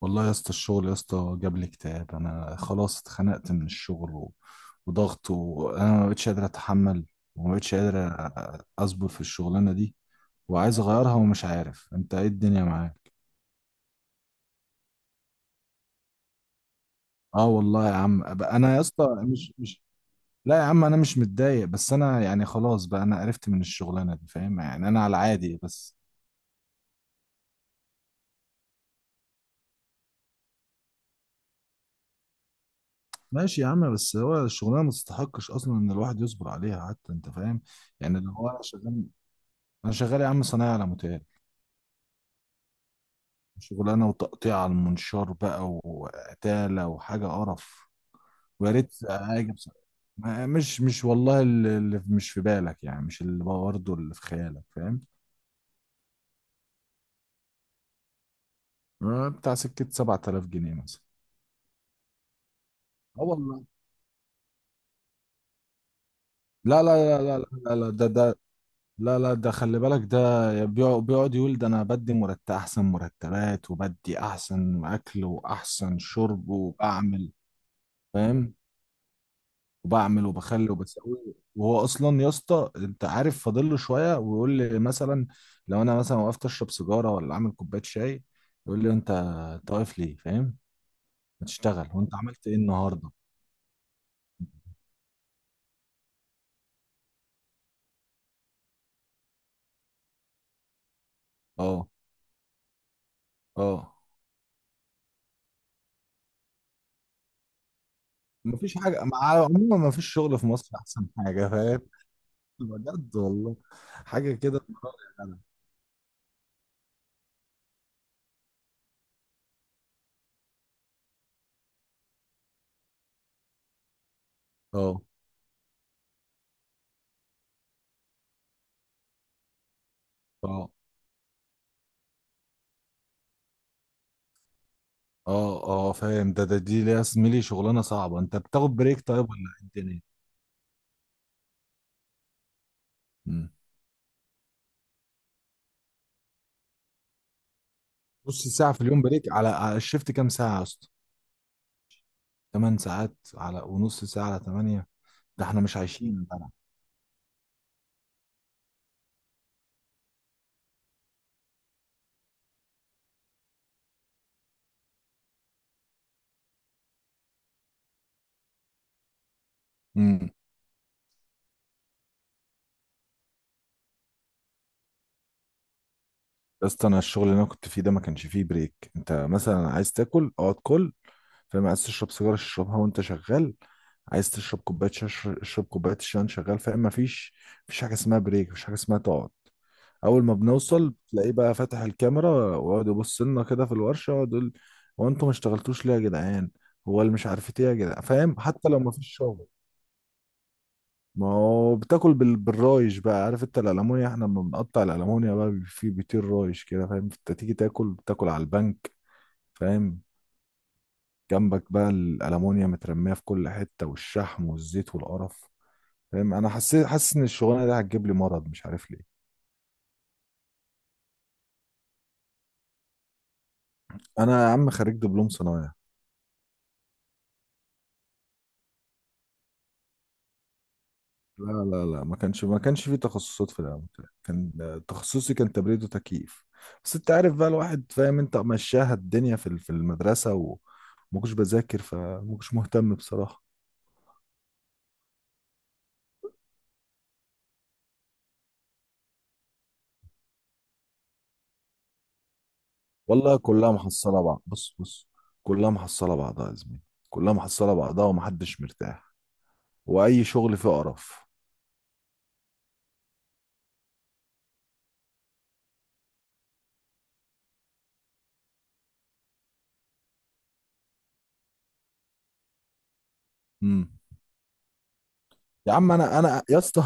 والله يا اسطى الشغل يا اسطى جاب لي اكتئاب. انا خلاص اتخنقت من الشغل و... وضغط، وانا ما بقتش قادر اتحمل، وما بقتش قادر اصبر في الشغلانه دي، وعايز اغيرها ومش عارف انت ايه الدنيا معاك. اه والله يا عم، انا يا اسطى مش لا يا عم، انا مش متضايق، بس انا يعني خلاص بقى، انا قرفت من الشغلانه دي، فاهم؟ يعني انا على عادي بس. ماشي يا عم، بس هو الشغلانه ما تستحقش اصلا ان الواحد يصبر عليها حتى، انت فاهم؟ يعني اللي هو انا شغال. انا شغال يا عم صنايعي على متاهل. شغلانه وتقطيع على المنشار بقى، وقتاله وحاجه قرف. ويا ريت اجي بصراحه. مش والله، اللي مش في بالك، يعني مش اللي برضه اللي في خيالك، فاهم؟ آه، بتاع سكه 7000 جنيه مثلا. اه والله. لا لا لا لا لا لا، ده ده... لا لا، ده خلي بالك ده بيقعد يقول، ده انا بدي مرتب، احسن مرتبات، وبدي احسن اكل، واحسن شرب، وبعمل، فاهم؟ وبعمل وبخلي وبسوي. وهو اصلا يا اسطى، انت عارف، فاضل له شويه ويقول لي مثلا، لو انا مثلا وقفت اشرب سيجاره ولا عامل كوبايه شاي، يقول لي، انت، انت واقف ليه؟ فاهم؟ ما تشتغل، وانت عملت ايه النهارده. اه، اه. مفيش حاجه مع... عموما مفيش شغل في مصر احسن حاجه، فاهم؟ بجد والله. حاجه كده. اه، اه، اه، اه، فاهم؟ ده ده دي ليا زميلي شغلانه صعبه، انت بتاخد بريك طيب ولا إيه الدنيا؟ نص ساعة في اليوم بريك؟ على الشيفت كام ساعة يا اسطى؟ تمن ساعات؟ على ونص ساعة على تمانية؟ ده احنا مش عايشين يا جدع. امم يا اسطى، انا الشغل اللي انا كنت فيه ده ما كانش فيه بريك. انت مثلا عايز تاكل، اقعد كل، فاهم؟ عايز تشرب سيجارة، اشربها وانت شغال. عايز تشرب كوباية شاي، اشرب كوباية الشاي وانت شغال، فاهم؟ مفيش، مفيش حاجة اسمها بريك، مفيش حاجة اسمها تقعد. اول ما بنوصل تلاقيه بقى فاتح الكاميرا، ويقعد يبص لنا كده في الورشة، ويقعد يقول، هو انتوا ما اشتغلتوش ليه يا جدعان؟ هو اللي مش عارف ايه يا جدعان، فاهم؟ حتى لو مفيش شغل. ما هو بتاكل بالرايش بقى، عارف انت الالمونيا، احنا لما بنقطع الالمونيا بقى في بيطير رايش كده، فاهم؟ انت تيجي تاكل، بتاكل على البنك، فاهم؟ جنبك بقى الالمونيا مترميه في كل حته، والشحم والزيت والقرف، فاهم؟ انا حسيت، حاسس ان الشغلانه دي هتجيب لي مرض، مش عارف ليه. انا يا عم خريج دبلوم صنايع. لا لا لا، ما كانش في تخصصات في الاول. كان، تخصصي كان تبريد وتكييف. بس انت عارف بقى، الواحد فاهم، انت مشاها الدنيا في في المدرسه، وما كنتش بذاكر، فما كنتش مهتم بصراحه. والله كلها محصله بعض، بص بص، كلها محصله بعضها يا زميلي، كلها محصله بعضها ومحدش مرتاح، واي شغل فيه قرف. يا عم انا، انا يا اسطى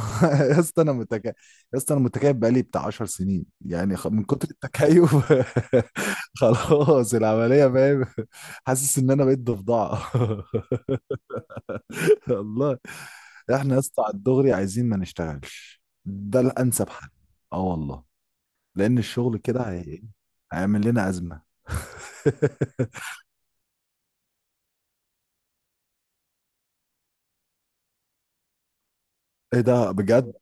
يا اسطى، انا متكيف بقالي بتاع 10 سنين يعني، من كتر التكيف. خلاص العمليه، فاهم؟ حاسس ان انا بقيت ضفدعه. الله. احنا يا اسطى على الدغري عايزين ما نشتغلش، ده الانسب حل. اه والله. لان الشغل كده هي... هيعمل لنا ازمه. ايه ده بجد؟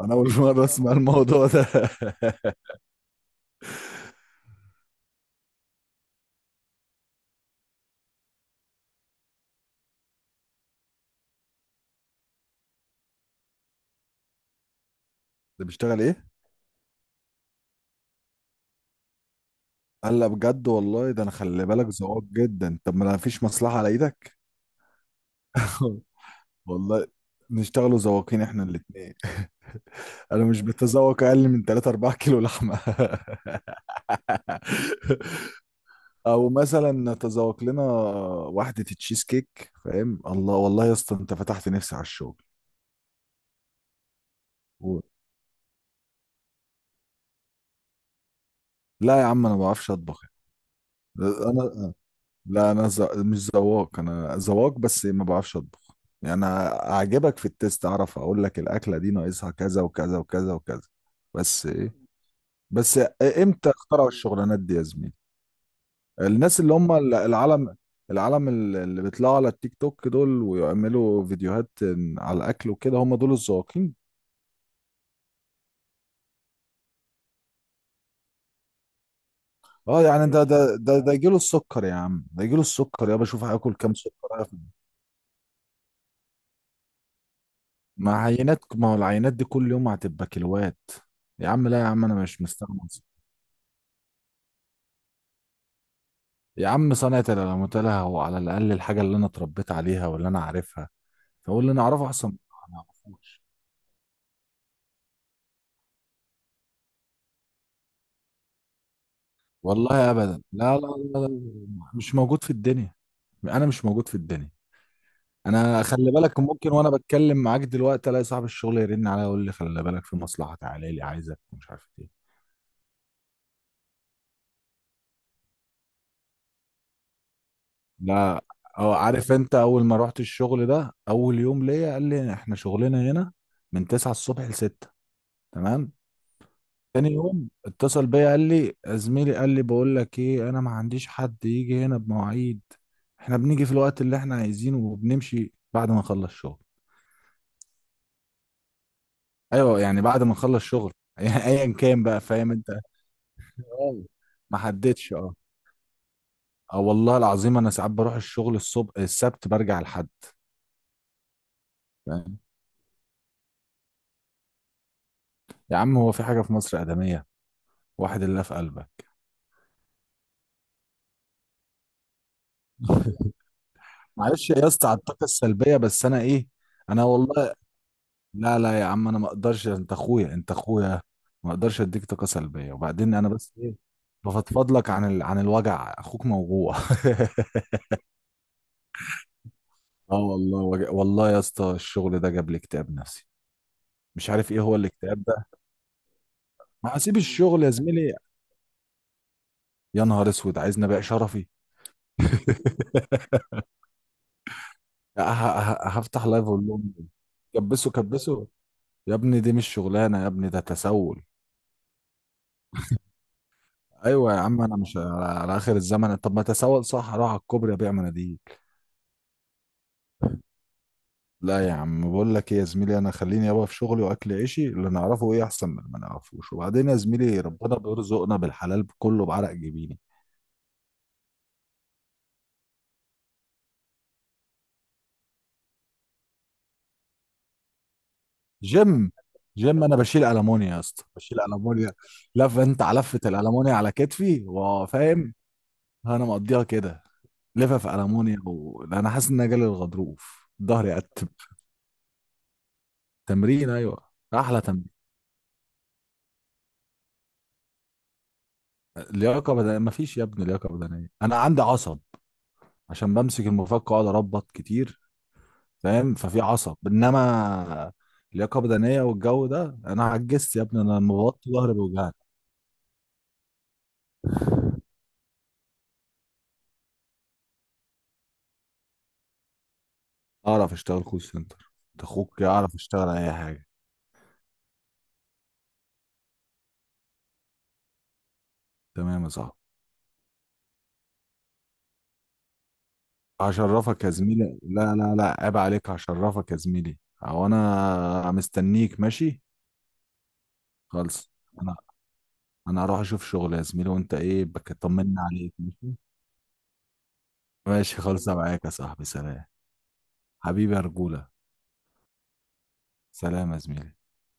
انا اول مره اسمع الموضوع ده. ده بيشتغل ايه؟ قال لا، بجد والله، ده انا خلي بالك ذواق جدا، طب ما انا مفيش مصلحه على ايدك. والله نشتغلوا ذواقين احنا الاثنين. انا مش بتذوق اقل من 3 4 كيلو لحمه. او مثلا نتذوق لنا واحده تشيز كيك، فاهم؟ الله، والله يا اسطى انت فتحت نفسي على الشغل. و... لا يا عم، انا ما بعرفش اطبخ. انا، لا انا مش ذواق، انا ذواق بس ما بعرفش اطبخ. يعني أنا اعجبك في التيست، اعرف اقول لك الاكله دي ناقصها كذا وكذا وكذا وكذا، بس ايه، بس امتى اخترعوا الشغلانات دي يا زميلي؟ الناس اللي هم العالم، العالم اللي بيطلعوا على التيك توك دول، ويعملوا فيديوهات على الاكل وكده، هم دول الذواقين. اه، يعني ده يجيله السكر يا عم، ده يجيله السكر، يا بشوف هاكل كام سكر. مع عينات، ما هو العينات دي كل يوم هتبقى كيلوات. يا عم لا يا عم، انا مش مستغني. يا عم صنعة العلامات لها، هو على الاقل الحاجه اللي انا اتربيت عليها واللي انا عارفها، فاقول اللي انا اعرفه احسن من اللي أنا ما اعرفوش. والله ابدا، لا لا لا لا، مش موجود في الدنيا. انا مش موجود في الدنيا. انا خلي بالك، ممكن وانا بتكلم معاك دلوقتي الاقي صاحب الشغل يرن عليا يقول لي، خلي بالك في مصلحه، تعالى لي عايزك، مش عارف إيه. لا. اه، عارف، انت اول ما رحت الشغل ده، اول يوم ليا قال لي، احنا شغلنا هنا من 9 الصبح ل 6. تمام. تاني يوم اتصل بيا قال لي، زميلي، قال لي بقول لك ايه، انا ما عنديش حد يجي هنا بمواعيد، احنا بنيجي في الوقت اللي احنا عايزينه، وبنمشي بعد ما نخلص شغل. ايوه، يعني بعد ما نخلص شغل، يعني ايا كان بقى، فاهم انت؟ اه. ما حددش، اه. اه والله العظيم، انا ساعات بروح الشغل الصبح السبت برجع الحد. فاهم؟ يا عم هو في حاجة في مصر آدمية؟ واحد الله في قلبك. معلش يا اسطى على الطاقه السلبيه، بس انا ايه، انا والله، لا لا يا عم، انا ما اقدرش، انت اخويا، انت اخويا، ما اقدرش اديك طاقه سلبيه. وبعدين انا بس ايه، بفضفض لك عن ال... عن الوجع، اخوك موجوع. اه والله وجع. والله يا اسطى، الشغل ده جاب لي اكتئاب نفسي، مش عارف ايه هو الاكتئاب ده. ما هسيب الشغل يا زميلي. يا نهار اسود، عايز نبيع شرفي. هفتح لايف اقول لهم، كبسوا كبسوا. يا ابني دي مش شغلانه، يا ابني ده تسول. ايوه يا عم، انا مش على اخر الزمن، طب ما تسول صح، اروح على الكوبري ابيع مناديل. لا يا عم، بقول لك ايه يا زميلي، انا خليني يابا في شغلي واكل عيشي، اللي نعرفه ايه احسن من اللي ما نعرفوش. وبعدين يا زميلي، ربنا بيرزقنا بالحلال كله بعرق جبيني. جيم، جيم انا بشيل المونيا يا اسطى، بشيل المونيا، لف انت على لفه الالمونيا على كتفي، وفاهم، انا مقضيها كده. لفه في المونيا، و... انا حاسس ان انا جالي الغضروف، ظهري قتب. تمرين، ايوه احلى تمرين. لياقه بدنيه، مفيش يا ابني لياقه بدنيه، انا عندي عصب عشان بمسك المفك واقعد اربط كتير، فاهم؟ ففي عصب، انما لياقه بدنيه والجو ده، انا عجزت يا ابني، انا لما بوطي ظهري بيوجعني. اعرف اشتغل كول سنتر، أنت اخوك اعرف اشتغل اي حاجه. تمام يا صاحبي، هشرفك يا زميلي، لا لا لا، عيب عليك، هشرفك يا زميلي، هو انا مستنيك؟ ماشي. خلص. انا، انا هروح اشوف شغل يا زميلي، وانت ايه بك، طمنا عليك. ماشي، ماشي. خلص معاك يا صاحبي، سلام. حبيبي يا رجولة. سلام يا زميلي.